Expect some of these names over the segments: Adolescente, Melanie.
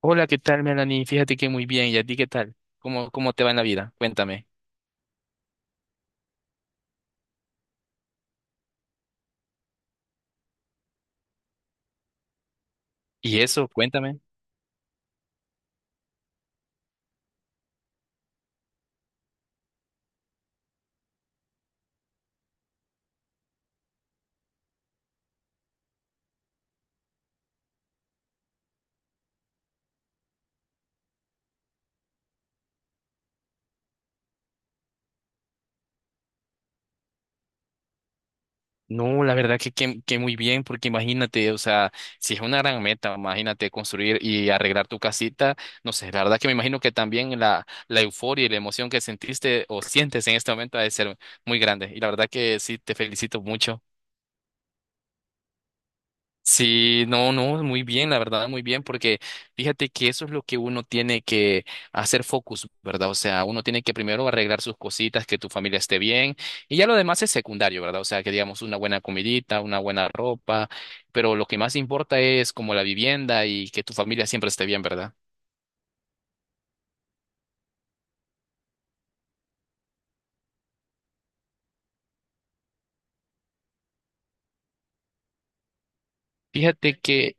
Hola, ¿qué tal, Melanie? Fíjate que muy bien. ¿Y a ti qué tal? ¿Cómo te va en la vida? Cuéntame. ¿Y eso? Cuéntame. No, la verdad que muy bien, porque imagínate, o sea, si es una gran meta, imagínate construir y arreglar tu casita, no sé, la verdad que me imagino que también la euforia y la emoción que sentiste o sientes en este momento ha de ser muy grande. Y la verdad que sí, te felicito mucho. Sí, no, no, muy bien, la verdad, muy bien, porque fíjate que eso es lo que uno tiene que hacer focus, ¿verdad? O sea, uno tiene que primero arreglar sus cositas, que tu familia esté bien, y ya lo demás es secundario, ¿verdad? O sea, que digamos una buena comidita, una buena ropa, pero lo que más importa es como la vivienda y que tu familia siempre esté bien, ¿verdad? Fíjate que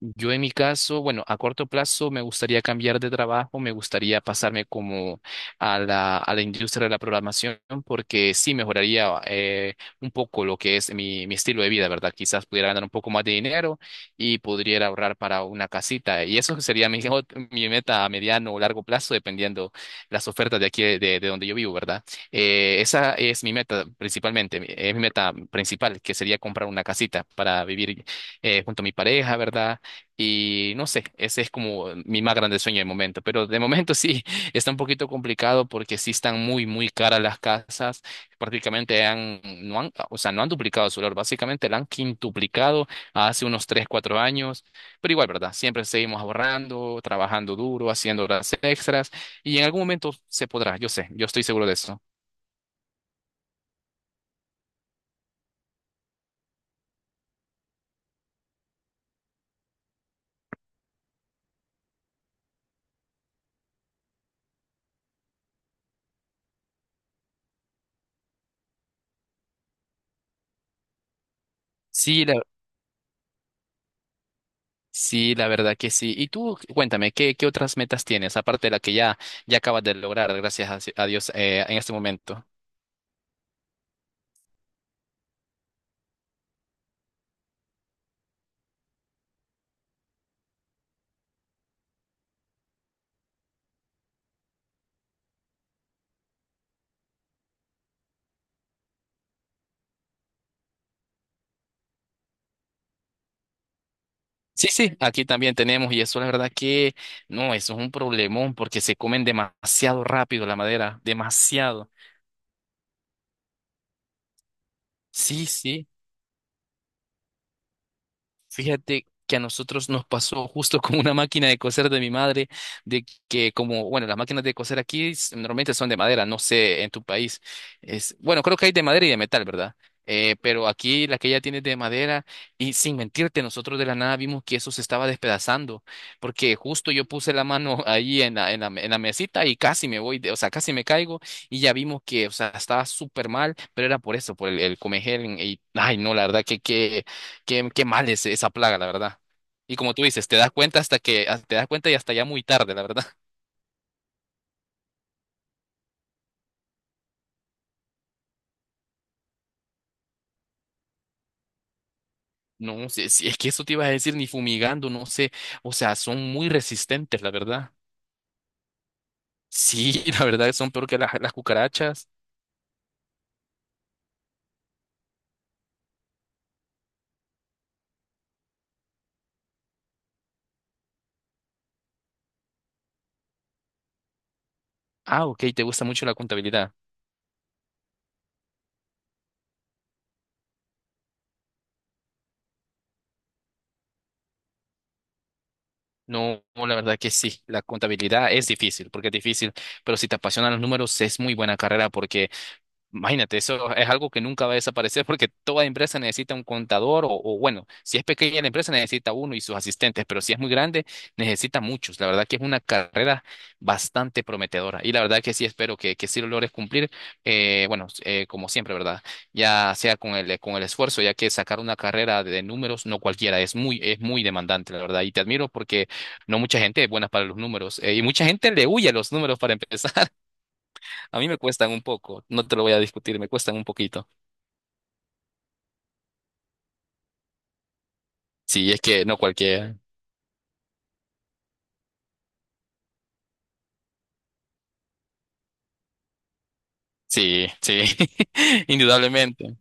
yo en mi caso, bueno, a corto plazo me gustaría cambiar de trabajo, me gustaría pasarme como a la industria de la programación porque sí mejoraría un poco lo que es mi estilo de vida, ¿verdad? Quizás pudiera ganar un poco más de dinero y podría ahorrar para una casita. Y eso sería mi, mi meta a mediano o largo plazo, dependiendo las ofertas de aquí, de donde yo vivo, ¿verdad? Esa es mi meta principalmente, es mi meta principal, que sería comprar una casita para vivir junto a mi pareja, ¿verdad? Y no sé, ese es como mi más grande sueño de momento. Pero de momento sí, está un poquito complicado porque sí están muy, muy caras las casas. Prácticamente han, no han, o sea, no han duplicado su valor. Básicamente la han quintuplicado hace unos 3 4 años. Pero igual, ¿verdad? Siempre seguimos ahorrando, trabajando duro, haciendo horas extras. Y en algún momento se podrá, yo sé, yo estoy seguro de eso. Sí, la Sí, la verdad que sí. Y tú, cuéntame, ¿qué otras metas tienes, aparte de la que ya acabas de lograr, gracias a, si, a Dios, en este momento? Sí, sí, aquí también tenemos, y eso la verdad que no, eso es un problemón porque se comen demasiado rápido la madera, demasiado. Sí, sí. Fíjate que a nosotros nos pasó justo con una máquina de coser de mi madre, de que como, bueno, las máquinas de coser aquí normalmente son de madera, no sé, en tu país. Es, bueno, creo que hay de madera y de metal, ¿verdad? Pero aquí la que ella tiene es de madera y sin mentirte, nosotros de la nada vimos que eso se estaba despedazando, porque justo yo puse la mano ahí en la, en la, en la mesita y casi me voy, o sea, casi me caigo y ya vimos que, o sea, estaba súper mal, pero era por eso, por el comejel y, ay, no, la verdad que qué mal es esa plaga, la verdad. Y como tú dices, te das cuenta hasta que ah, te das cuenta y hasta ya muy tarde, la verdad. No, si es que eso te iba a decir ni fumigando, no sé. O sea, son muy resistentes, la verdad. Sí, la verdad son peor que las cucarachas. Ah, ok, te gusta mucho la contabilidad. No, no, la verdad que sí, la contabilidad es difícil, porque es difícil, pero si te apasionan los números es muy buena carrera porque imagínate, eso es algo que nunca va a desaparecer porque toda empresa necesita un contador o bueno, si es pequeña la empresa necesita uno y sus asistentes, pero si es muy grande necesita muchos. La verdad que es una carrera bastante prometedora y la verdad que sí espero que sí lo logres cumplir, bueno, como siempre, ¿verdad? Ya sea con el esfuerzo, ya que sacar una carrera de números no cualquiera, es muy, demandante, la verdad, y te admiro porque no mucha gente es buena para los números y mucha gente le huye a los números para empezar. A mí me cuestan un poco, no te lo voy a discutir, me cuestan un poquito. Sí, es que no cualquiera. Sí, sí, indudablemente.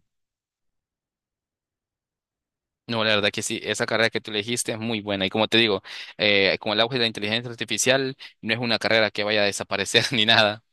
No, la verdad que sí, esa carrera que tú elegiste es muy buena. Y como te digo, con el auge de la inteligencia artificial, no es una carrera que vaya a desaparecer ni nada.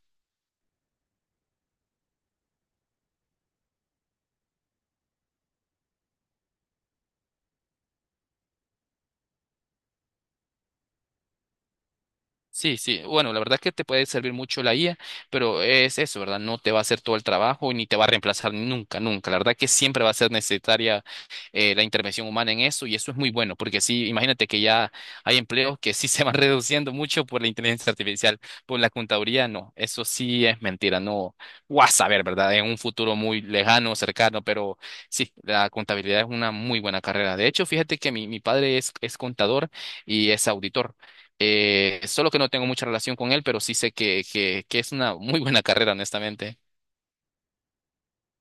Sí, sí. Bueno, la verdad es que te puede servir mucho la IA, pero es eso, ¿verdad? No te va a hacer todo el trabajo ni te va a reemplazar nunca, nunca. La verdad que siempre va a ser necesaria la intervención humana en eso y eso es muy bueno, porque sí, imagínate que ya hay empleos que sí se van reduciendo mucho por la inteligencia artificial, por la contaduría, no. Eso sí es mentira, no. Vas a saber, ¿verdad? En un futuro muy lejano, cercano, pero sí, la contabilidad es una muy buena carrera. De hecho, fíjate que mi padre es contador y es auditor. Solo que no tengo mucha relación con él, pero sí sé que es una muy buena carrera, honestamente.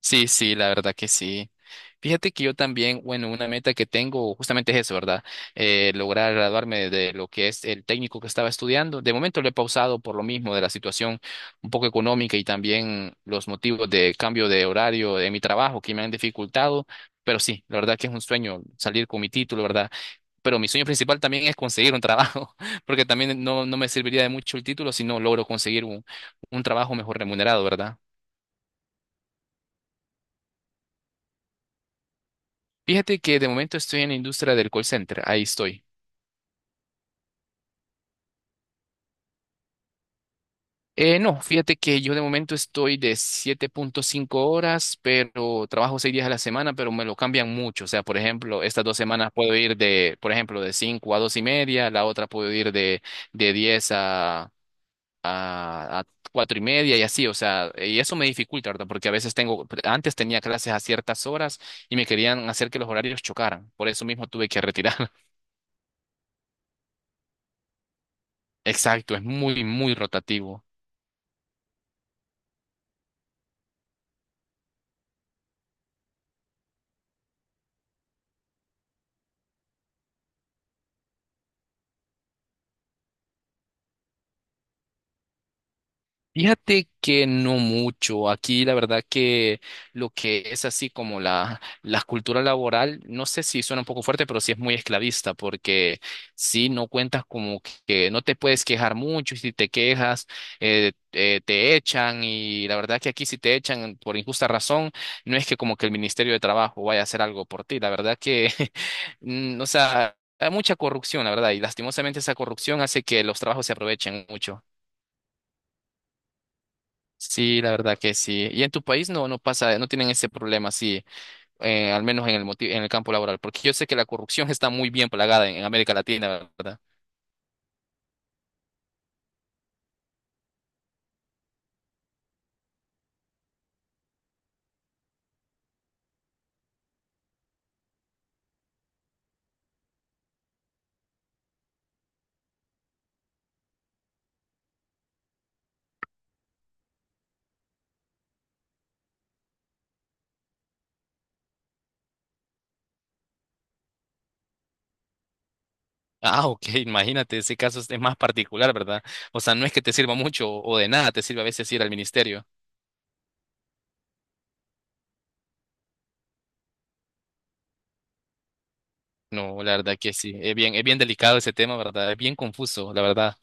Sí, sí, la verdad que sí. Fíjate que yo también, bueno, una meta que tengo justamente es eso, ¿verdad? Lograr graduarme de lo que es el técnico que estaba estudiando. De momento lo he pausado por lo mismo de la situación un poco económica y también los motivos de cambio de horario de mi trabajo que me han dificultado. Pero sí, la verdad que es un sueño salir con mi título, ¿verdad? Pero mi sueño principal también es conseguir un trabajo, porque también no, no me serviría de mucho el título si no logro conseguir un trabajo mejor remunerado, ¿verdad? Fíjate que de momento estoy en la industria del call center, ahí estoy. No, fíjate que yo de momento estoy de 7.5 horas, pero trabajo 6 días a la semana, pero me lo cambian mucho. O sea, por ejemplo, estas 2 semanas puedo ir de, por ejemplo, de 5 a 2 y media, la otra puedo ir de, 10 a cuatro y media y así, o sea, y eso me dificulta, ¿verdad? Porque a veces tengo, antes tenía clases a ciertas horas y me querían hacer que los horarios chocaran, por eso mismo tuve que retirar. Exacto, es muy, muy rotativo. Fíjate que no mucho. Aquí la verdad que lo que es así como la cultura laboral, no sé si suena un poco fuerte, pero sí es muy esclavista, porque si no cuentas como que no te puedes quejar mucho, y si te quejas, te echan, y la verdad que aquí si te echan por injusta razón, no es que como que el Ministerio de Trabajo vaya a hacer algo por ti. La verdad que, o sea, hay mucha corrupción, la verdad, y lastimosamente esa corrupción hace que los trabajos se aprovechen mucho. Sí, la verdad que sí. Y en tu país no, no pasa, no tienen ese problema, sí, al menos en el en el campo laboral, porque yo sé que la corrupción está muy bien plagada en América Latina, ¿verdad? Ah, ok, imagínate, ese caso es más particular, ¿verdad? O sea, no es que te sirva mucho o de nada te sirve a veces ir al ministerio. No, la verdad que sí, es bien delicado ese tema, ¿verdad? Es bien confuso, la verdad.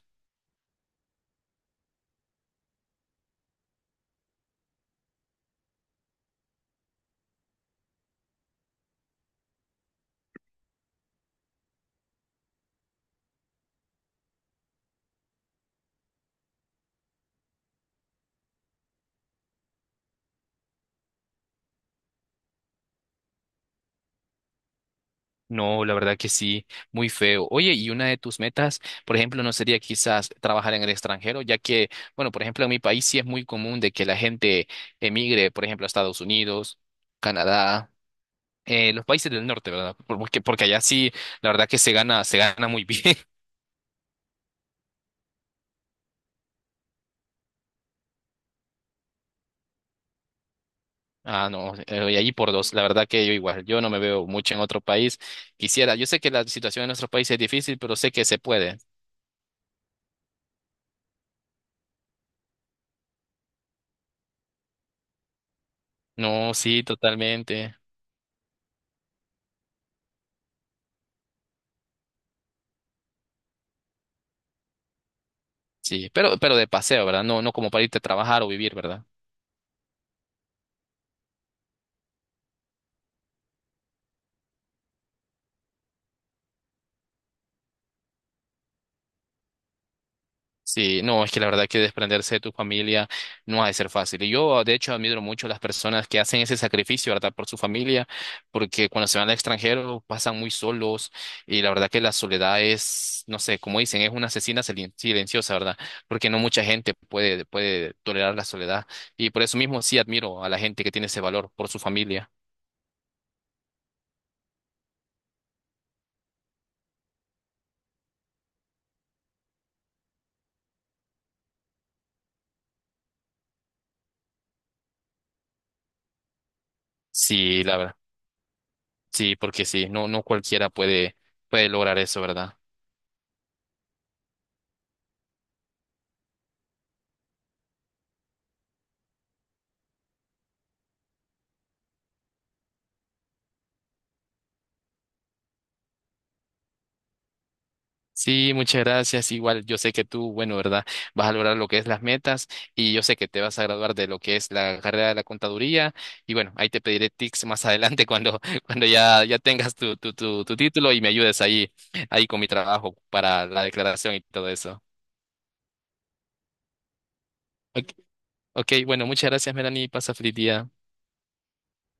No, la verdad que sí, muy feo. Oye, y una de tus metas, por ejemplo, no sería quizás trabajar en el extranjero, ya que, bueno, por ejemplo, en mi país sí es muy común de que la gente emigre, por ejemplo, a Estados Unidos, Canadá, los países del norte, ¿verdad? Porque allá sí, la verdad que se gana muy bien. Ah, no, y allí por dos, la verdad que yo igual, yo no me veo mucho en otro país. Quisiera, yo sé que la situación en nuestros países es difícil, pero sé que se puede. No, sí, totalmente. Sí, pero de paseo, ¿verdad? No, no como para irte a trabajar o vivir, ¿verdad? Sí, no, es que la verdad que desprenderse de tu familia no ha de ser fácil. Y yo, de hecho, admiro mucho a las personas que hacen ese sacrificio, ¿verdad? Por su familia, porque cuando se van al extranjero pasan muy solos y la verdad que la soledad es, no sé, como dicen, es una asesina silenciosa, ¿verdad? Porque no mucha gente puede, tolerar la soledad. Y por eso mismo sí admiro a la gente que tiene ese valor por su familia. Sí, la verdad. Sí, porque sí, no, no cualquiera puede lograr eso, ¿verdad? Sí, muchas gracias. Igual yo sé que tú, bueno, ¿verdad? Vas a lograr lo que es las metas y yo sé que te vas a graduar de lo que es la carrera de la contaduría y bueno, ahí te pediré tips más adelante cuando, cuando ya tengas tu título y me ayudes ahí con mi trabajo para la declaración y todo eso. Ok, ok, bueno, muchas gracias, Melanie. Pasa feliz día.